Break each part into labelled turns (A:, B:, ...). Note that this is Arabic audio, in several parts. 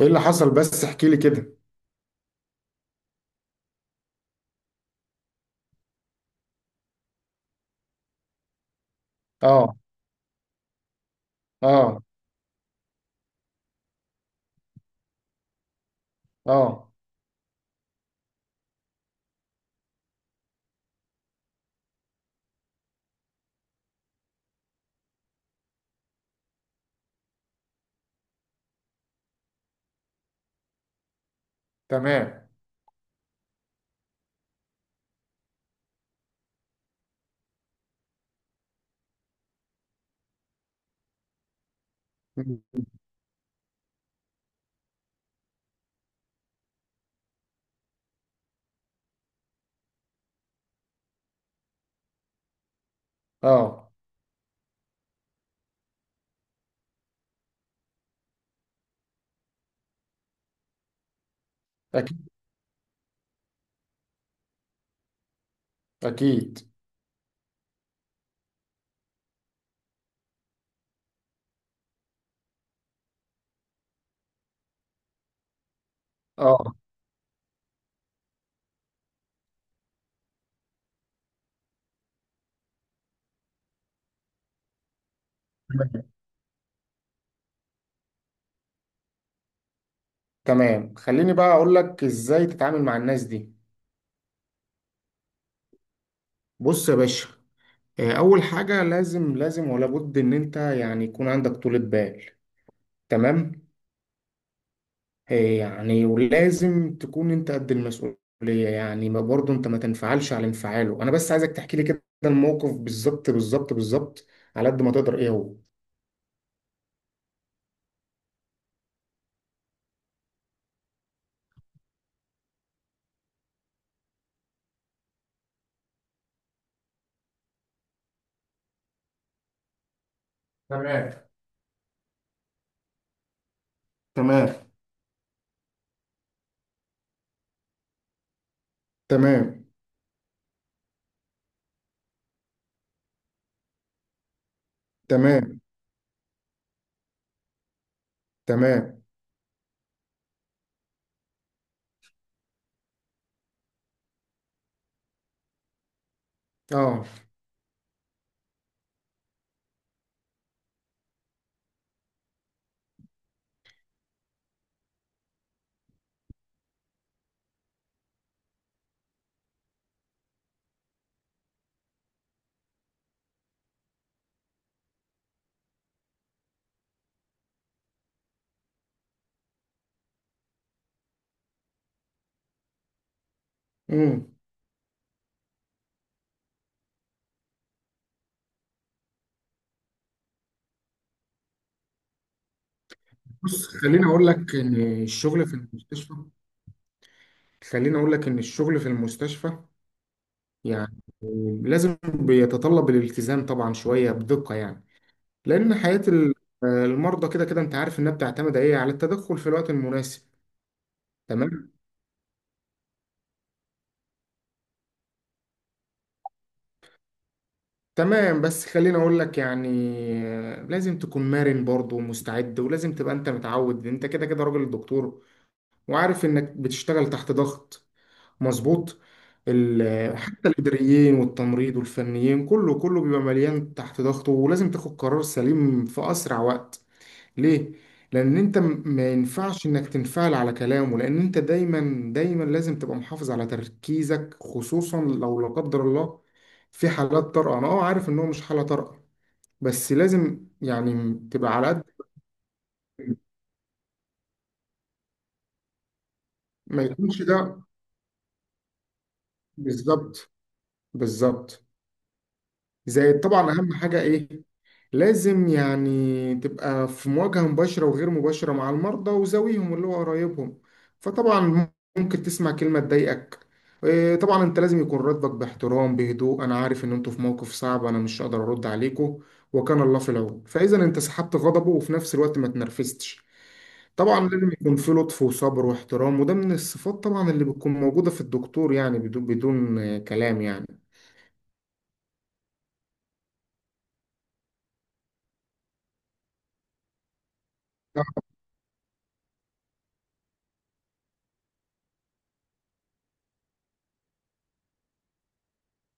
A: ايه اللي حصل بس احكي لي كده. اه اه اه تمام. اه اكيد اكيد اه تمام تمام. خليني بقى اقول لك ازاي تتعامل مع الناس دي. بص يا باشا، اول حاجه لازم ولا بد ان انت يعني يكون عندك طولة بال. تمام. يعني ولازم تكون انت قد المسؤوليه، يعني ما برضه انت ما تنفعلش على انفعاله. انا بس عايزك تحكي لي كده الموقف بالظبط على قد ما تقدر ايه هو. تمام تمام تمام تمام تمام. اه. امم. بص خليني اقول لك ان الشغل في المستشفى خليني اقول لك ان الشغل في المستشفى يعني لازم بيتطلب الالتزام طبعا شويه بدقه، يعني لان المرضى كده كده انت عارف انها بتعتمد ايه على التدخل في الوقت المناسب. تمام تمام. بس خليني اقول لك، يعني لازم تكون مرن برضه ومستعد، ولازم تبقى انت متعود. انت كده كده راجل دكتور وعارف انك بتشتغل تحت ضغط مظبوط. حتى الإداريين والتمريض والفنيين كله بيبقى مليان تحت ضغطه، ولازم تاخد قرار سليم في أسرع وقت. ليه؟ لأن ما ينفعش إنك تنفعل على كلامه، لأن أنت دايما لازم تبقى محافظ على تركيزك، خصوصا لو لا قدر الله في حالات طارئة. أنا عارف إن هو مش حالة طارئة، بس لازم يعني تبقى على قد ما يكونش ده. بالظبط بالظبط. زائد طبعا أهم حاجة إيه؟ لازم يعني تبقى في مواجهة مباشرة وغير مباشرة مع المرضى وزاويهم اللي هو قرايبهم. فطبعا ممكن تسمع كلمة تضايقك. طبعا انت لازم يكون ردك باحترام بهدوء: انا عارف ان انتوا في موقف صعب، انا مش هقدر ارد عليكم وكان الله في العون. فاذا انت سحبت غضبه وفي نفس الوقت ما تنرفزتش، طبعا لازم يكون في لطف وصبر واحترام، وده من الصفات طبعا اللي بتكون موجودة في الدكتور، يعني بدون كلام يعني.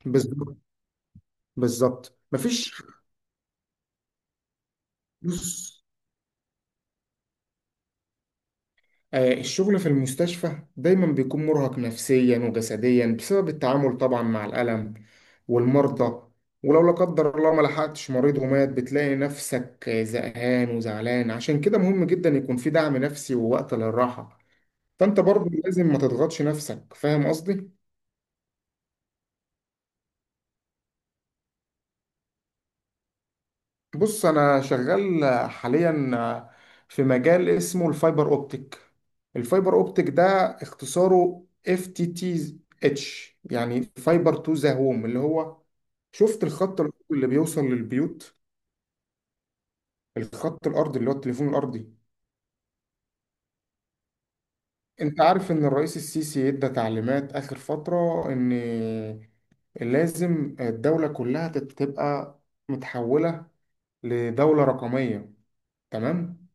A: بالظبط بالظبط. مفيش. بص، الشغل في المستشفى دايما بيكون مرهق نفسيا وجسديا بسبب التعامل طبعا مع الألم والمرضى. ولو لا قدر الله ما لحقتش مريض ومات بتلاقي نفسك زهقان وزعلان. عشان كده مهم جدا يكون في دعم نفسي ووقت للراحة. فأنت برضه لازم ما تضغطش نفسك. فاهم قصدي؟ بص انا شغال حاليا في مجال اسمه الفايبر اوبتيك. الفايبر اوبتيك ده اختصاره اف تي تي اتش، يعني فايبر تو ذا هوم، اللي هو شفت الخط الأرضي اللي بيوصل للبيوت؟ الخط الارضي اللي هو التليفون الارضي. انت عارف ان الرئيس السيسي ادى تعليمات اخر فترة ان لازم الدولة كلها تبقى متحولة لدولة رقمية؟ تمام.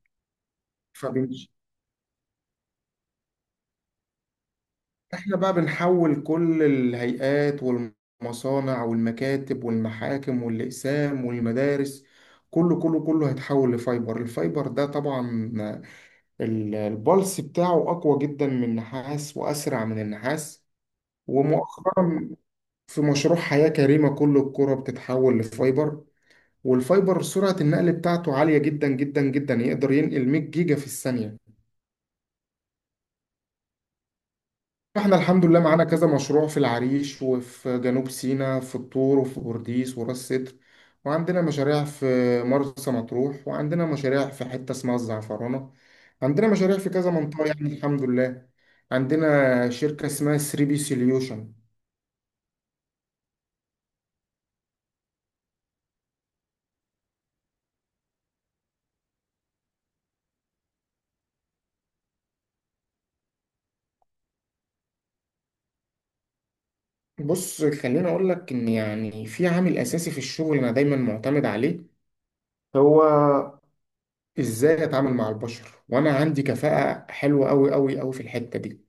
A: احنا بقى بنحول كل الهيئات والمصانع والمكاتب والمحاكم والأقسام والمدارس، كله هيتحول لفايبر. الفايبر ده طبعا البلس بتاعه أقوى جدا من النحاس وأسرع من النحاس. ومؤخرا في مشروع حياة كريمة كل القرى بتتحول لفايبر، والفايبر سرعة النقل بتاعته عالية جدا، يقدر ينقل 100 جيجا في الثانية. احنا الحمد لله معانا كذا مشروع في العريش وفي جنوب سيناء في الطور وفي بورديس وراس سدر، وعندنا مشاريع في مرسى مطروح، وعندنا مشاريع في حتة اسمها الزعفرانة، عندنا مشاريع في كذا منطقة، يعني الحمد لله. عندنا شركة اسمها 3 بي سوليوشن. بص خليني اقول لك ان يعني في عامل اساسي في الشغل انا دايما معتمد عليه، هو ازاي اتعامل مع البشر، وانا عندي كفاءة حلوة قوي في الحتة دي.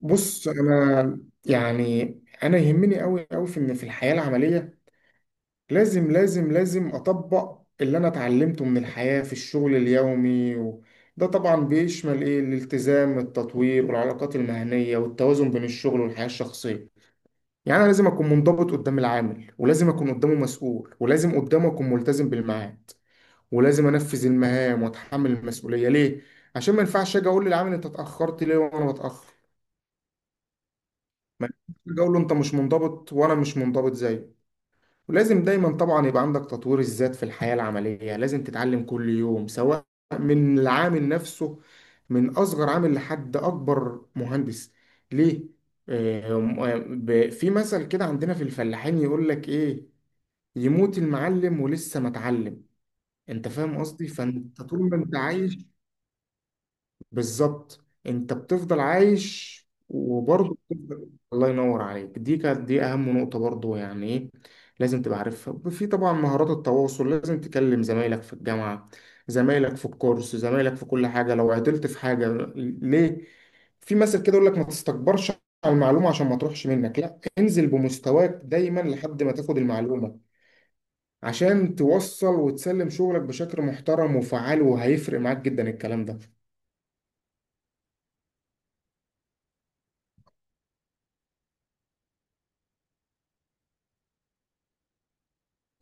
A: بص انا يعني انا يهمني قوي في ان في الحياه العمليه لازم اطبق اللي انا اتعلمته من الحياه في الشغل اليومي. و... ده طبعا بيشمل ايه؟ الالتزام، التطوير، والعلاقات المهنيه، والتوازن بين الشغل والحياه الشخصيه. يعني انا لازم اكون منضبط قدام العامل، ولازم اكون قدامه مسؤول، ولازم قدامه اكون ملتزم بالميعاد، ولازم انفذ المهام واتحمل المسؤوليه. ليه؟ عشان ما ينفعش اجي اقول للعامل انت اتاخرت ليه وانا بتاخر. ما ينفعش أجي اقول له انت مش منضبط وانا مش منضبط زيه. ولازم دايما طبعا يبقى عندك تطوير الذات في الحياة العملية. لازم تتعلم كل يوم، سواء من العامل نفسه، من اصغر عامل لحد اكبر مهندس. ليه؟ آه، في مثل كده عندنا في الفلاحين يقول لك ايه: يموت المعلم ولسه ما اتعلم. انت فاهم قصدي؟ فانت طول ما انت عايش، بالظبط، انت بتفضل عايش. وبرضه بتفضل الله ينور عليك. دي كانت دي اهم نقطة. برضه يعني ايه؟ لازم تبقى عارفها. في طبعا مهارات التواصل، لازم تكلم زمايلك في الجامعة، زمايلك في الكورس، زمايلك في كل حاجة لو عطلت في حاجة. ليه؟ في مثل كده يقول لك ما تستكبرش على المعلومة عشان ما تروحش منك، لا انزل بمستواك دايما لحد ما تاخد المعلومة، عشان توصل وتسلم شغلك بشكل محترم وفعال، وهيفرق معاك جدا الكلام ده.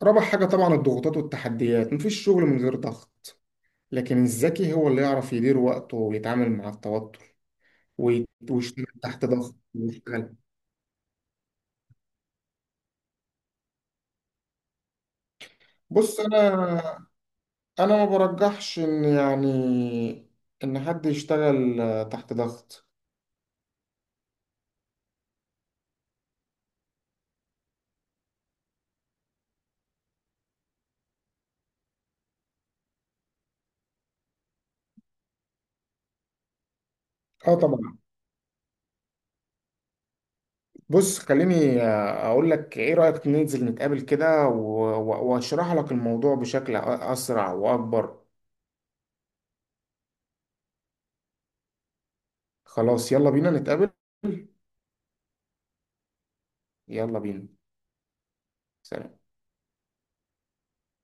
A: رابع حاجة طبعا الضغوطات والتحديات. مفيش شغل من غير ضغط، لكن الذكي هو اللي يعرف يدير وقته ويتعامل مع التوتر وي- ويشتغل تحت ضغط ويشتغل. بص أنا ما برجحش إن يعني إن حد يشتغل تحت ضغط. اه طبعا. بص خليني اقول لك، ايه رأيك ننزل نتقابل كده واشرح لك الموضوع بشكل اسرع واكبر؟ خلاص يلا بينا نتقابل. يلا بينا. سلام.